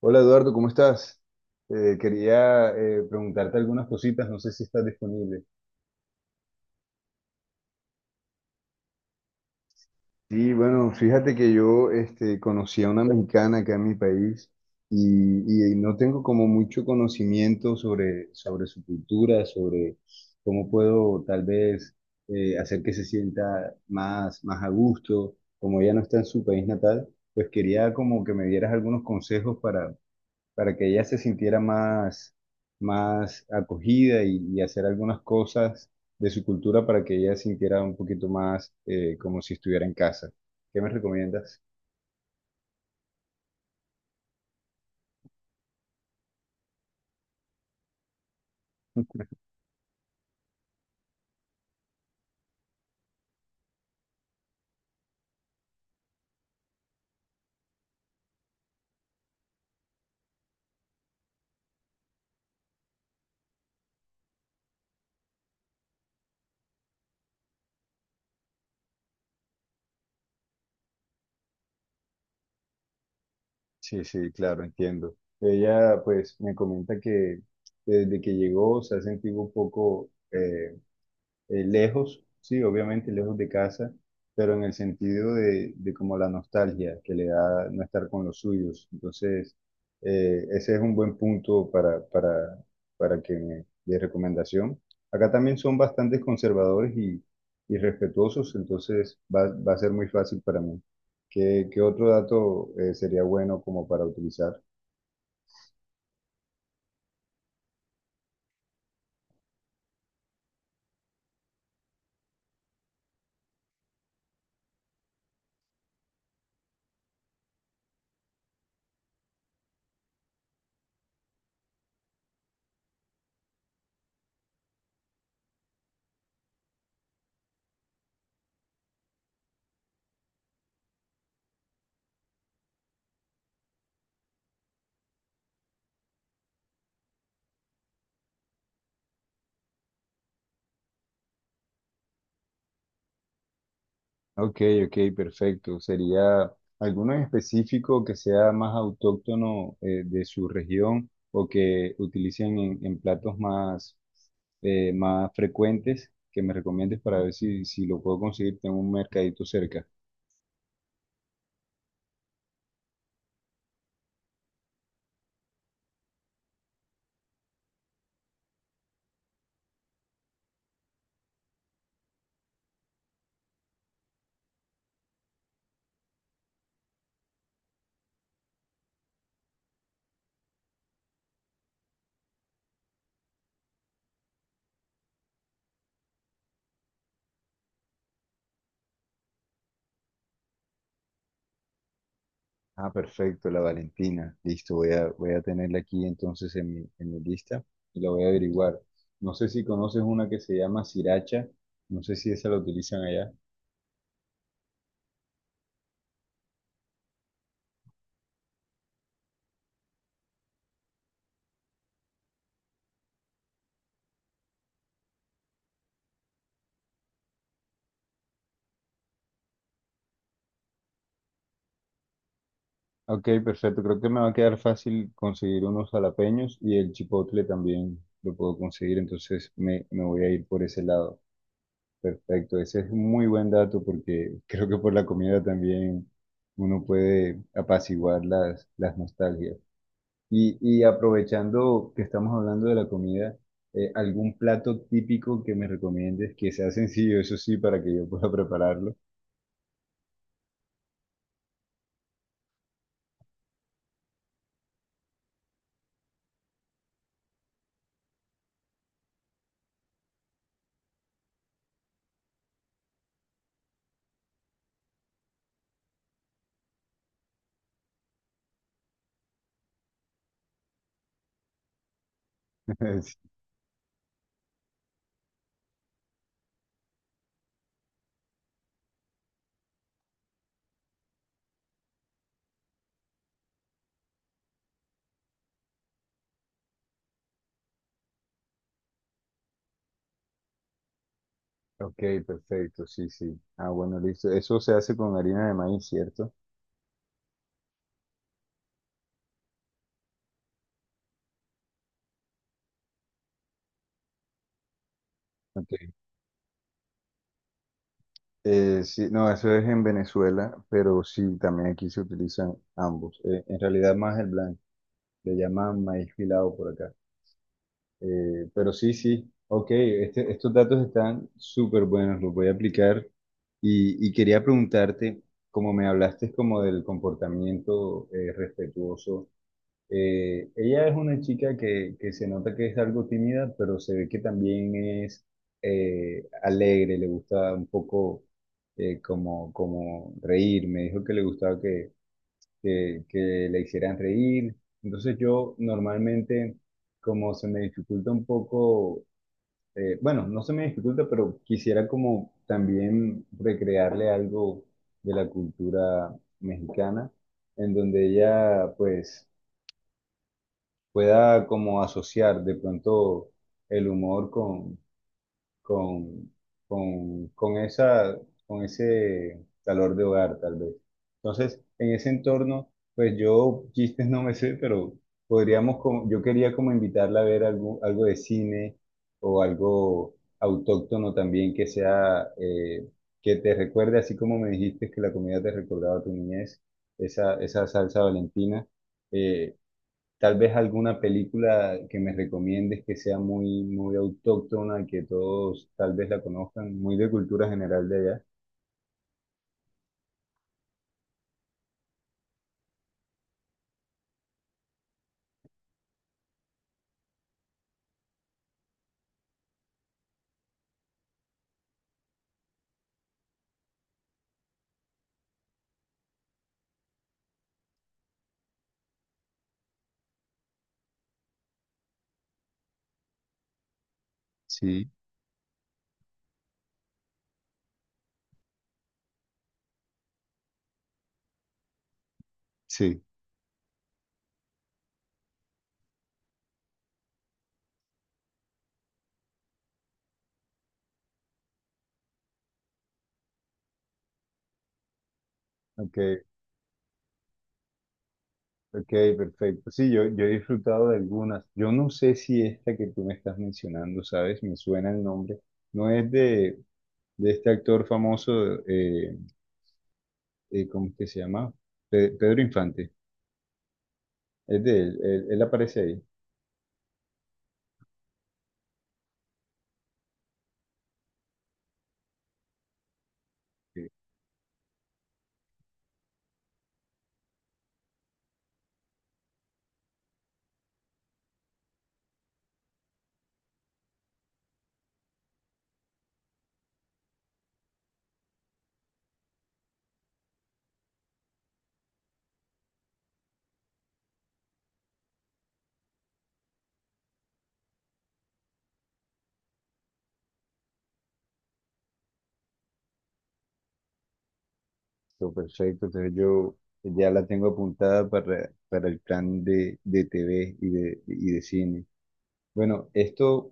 Hola Eduardo, ¿cómo estás? Quería preguntarte algunas cositas, no sé si estás disponible. Sí, bueno, fíjate que yo conocí a una mexicana acá en mi país y no tengo como mucho conocimiento sobre su cultura, sobre cómo puedo tal vez hacer que se sienta más a gusto. Como ella no está en su país natal, pues quería como que me dieras algunos consejos para que ella se sintiera más acogida y hacer algunas cosas de su cultura para que ella sintiera un poquito más como si estuviera en casa. ¿Qué me recomiendas? Sí, sí, claro, entiendo. Ella pues me comenta que desde que llegó se ha sentido un poco lejos, sí, obviamente lejos de casa, pero en el sentido de como la nostalgia que le da no estar con los suyos. Entonces, ese es un buen punto para que de recomendación. Acá también son bastante conservadores y respetuosos, entonces va a ser muy fácil para mí. ¿ qué otro dato sería bueno como para utilizar? Ok, ok, perfecto. ¿Sería alguno en específico que sea más autóctono de su región o que utilicen en platos más frecuentes que me recomiendes para ver si lo puedo conseguir en un mercadito cerca? Ah, perfecto, la Valentina. Listo, voy a tenerla aquí entonces en en mi lista y la voy a averiguar. No sé si conoces una que se llama sriracha, no sé si esa la utilizan allá. Ok, perfecto. Creo que me va a quedar fácil conseguir unos jalapeños y el chipotle también lo puedo conseguir, entonces me voy a ir por ese lado. Perfecto, ese es un muy buen dato porque creo que por la comida también uno puede apaciguar las nostalgias. Y aprovechando que estamos hablando de la comida, ¿algún plato típico que me recomiendes que sea sencillo, eso sí, para que yo pueda prepararlo? Ok, perfecto, sí, sí. Ah, bueno, listo. Eso se hace con harina de maíz, ¿cierto? Ok. Sí, no, eso es en Venezuela, pero sí, también aquí se utilizan ambos. En realidad más el blanco, le llaman maíz pilado por acá. Pero sí, sí, ok, estos datos están súper buenos, los voy a aplicar. Y quería preguntarte, como me hablaste como del comportamiento respetuoso. Ella es una chica que se nota que es algo tímida, pero se ve que también es alegre, le gusta un poco como reír. Me dijo que le gustaba que le hicieran reír. Entonces yo normalmente, como se me dificulta un poco, bueno, no se me dificulta, pero quisiera como también recrearle algo de la cultura mexicana, en donde ella pues pueda como asociar de pronto el humor con, con esa, con ese calor de hogar, tal vez. Entonces, en ese entorno, pues yo chistes no me sé, pero podríamos, como, yo quería como invitarla a ver algo, algo de cine o algo autóctono también que sea, que te recuerde, así como me dijiste que la comida te recordaba tu niñez, esa salsa valentina. eh, Tal vez alguna película que me recomiendes que sea muy autóctona, que todos tal vez la conozcan, muy de cultura general de allá. Sí, sí. Ok, ok, perfecto. Sí, yo he disfrutado de algunas. Yo no sé si esta que tú me estás mencionando, ¿sabes? Me suena el nombre. No es de este actor famoso, eh, ¿cómo es que se llama? Pedro Infante. Es de él, él aparece ahí. Listo, perfecto. Entonces yo ya la tengo apuntada para el plan de TV y de cine. Bueno, esto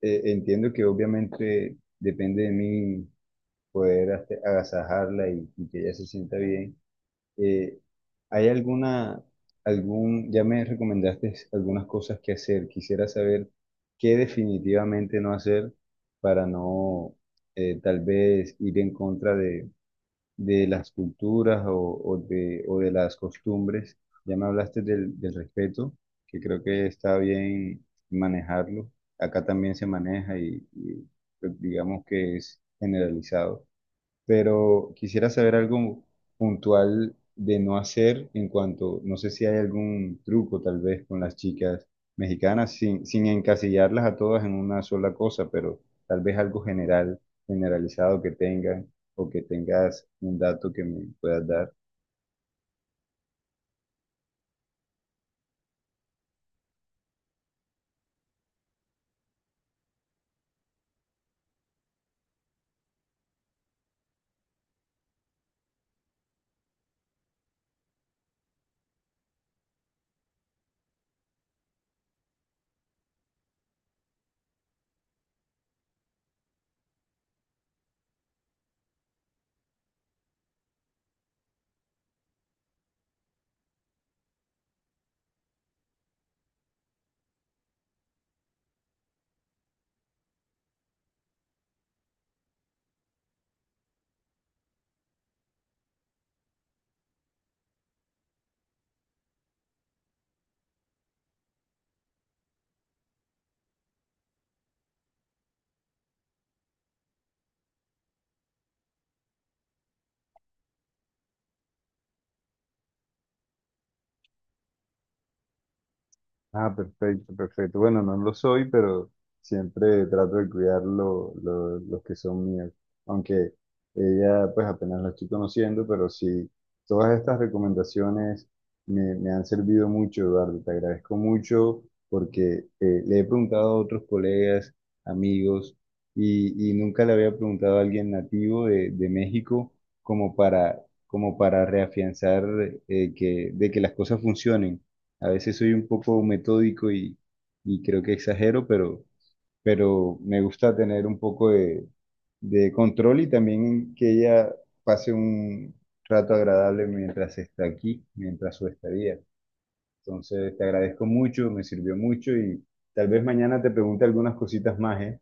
entiendo que obviamente depende de mí poder agasajarla y que ella se sienta bien. Eh, ¿Hay alguna, algún, ya me recomendaste algunas cosas que hacer? Quisiera saber qué definitivamente no hacer para no tal vez ir en contra de las culturas o de las costumbres. Ya me hablaste del respeto, que creo que está bien manejarlo. Acá también se maneja pues, digamos que es generalizado, pero quisiera saber algo puntual de no hacer en cuanto, no sé si hay algún truco tal vez con las chicas mexicanas, sin encasillarlas a todas en una sola cosa, pero tal vez algo general, generalizado que tengan o que tengas un dato que me puedas dar. Ah, perfecto, perfecto. Bueno, no lo soy, pero siempre trato de cuidar los que son míos. Aunque ella, pues apenas la estoy conociendo, pero sí, todas estas recomendaciones me han servido mucho, Eduardo. Te agradezco mucho porque le he preguntado a otros colegas, amigos, y nunca le había preguntado a alguien nativo de México como para, como para reafianzar de que las cosas funcionen. A veces soy un poco metódico y creo que exagero, pero me gusta tener un poco de control y también que ella pase un rato agradable mientras está aquí, mientras su estadía. Entonces, te agradezco mucho, me sirvió mucho y tal vez mañana te pregunte algunas cositas más, ¿eh?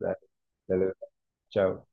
Dale, dale, chao.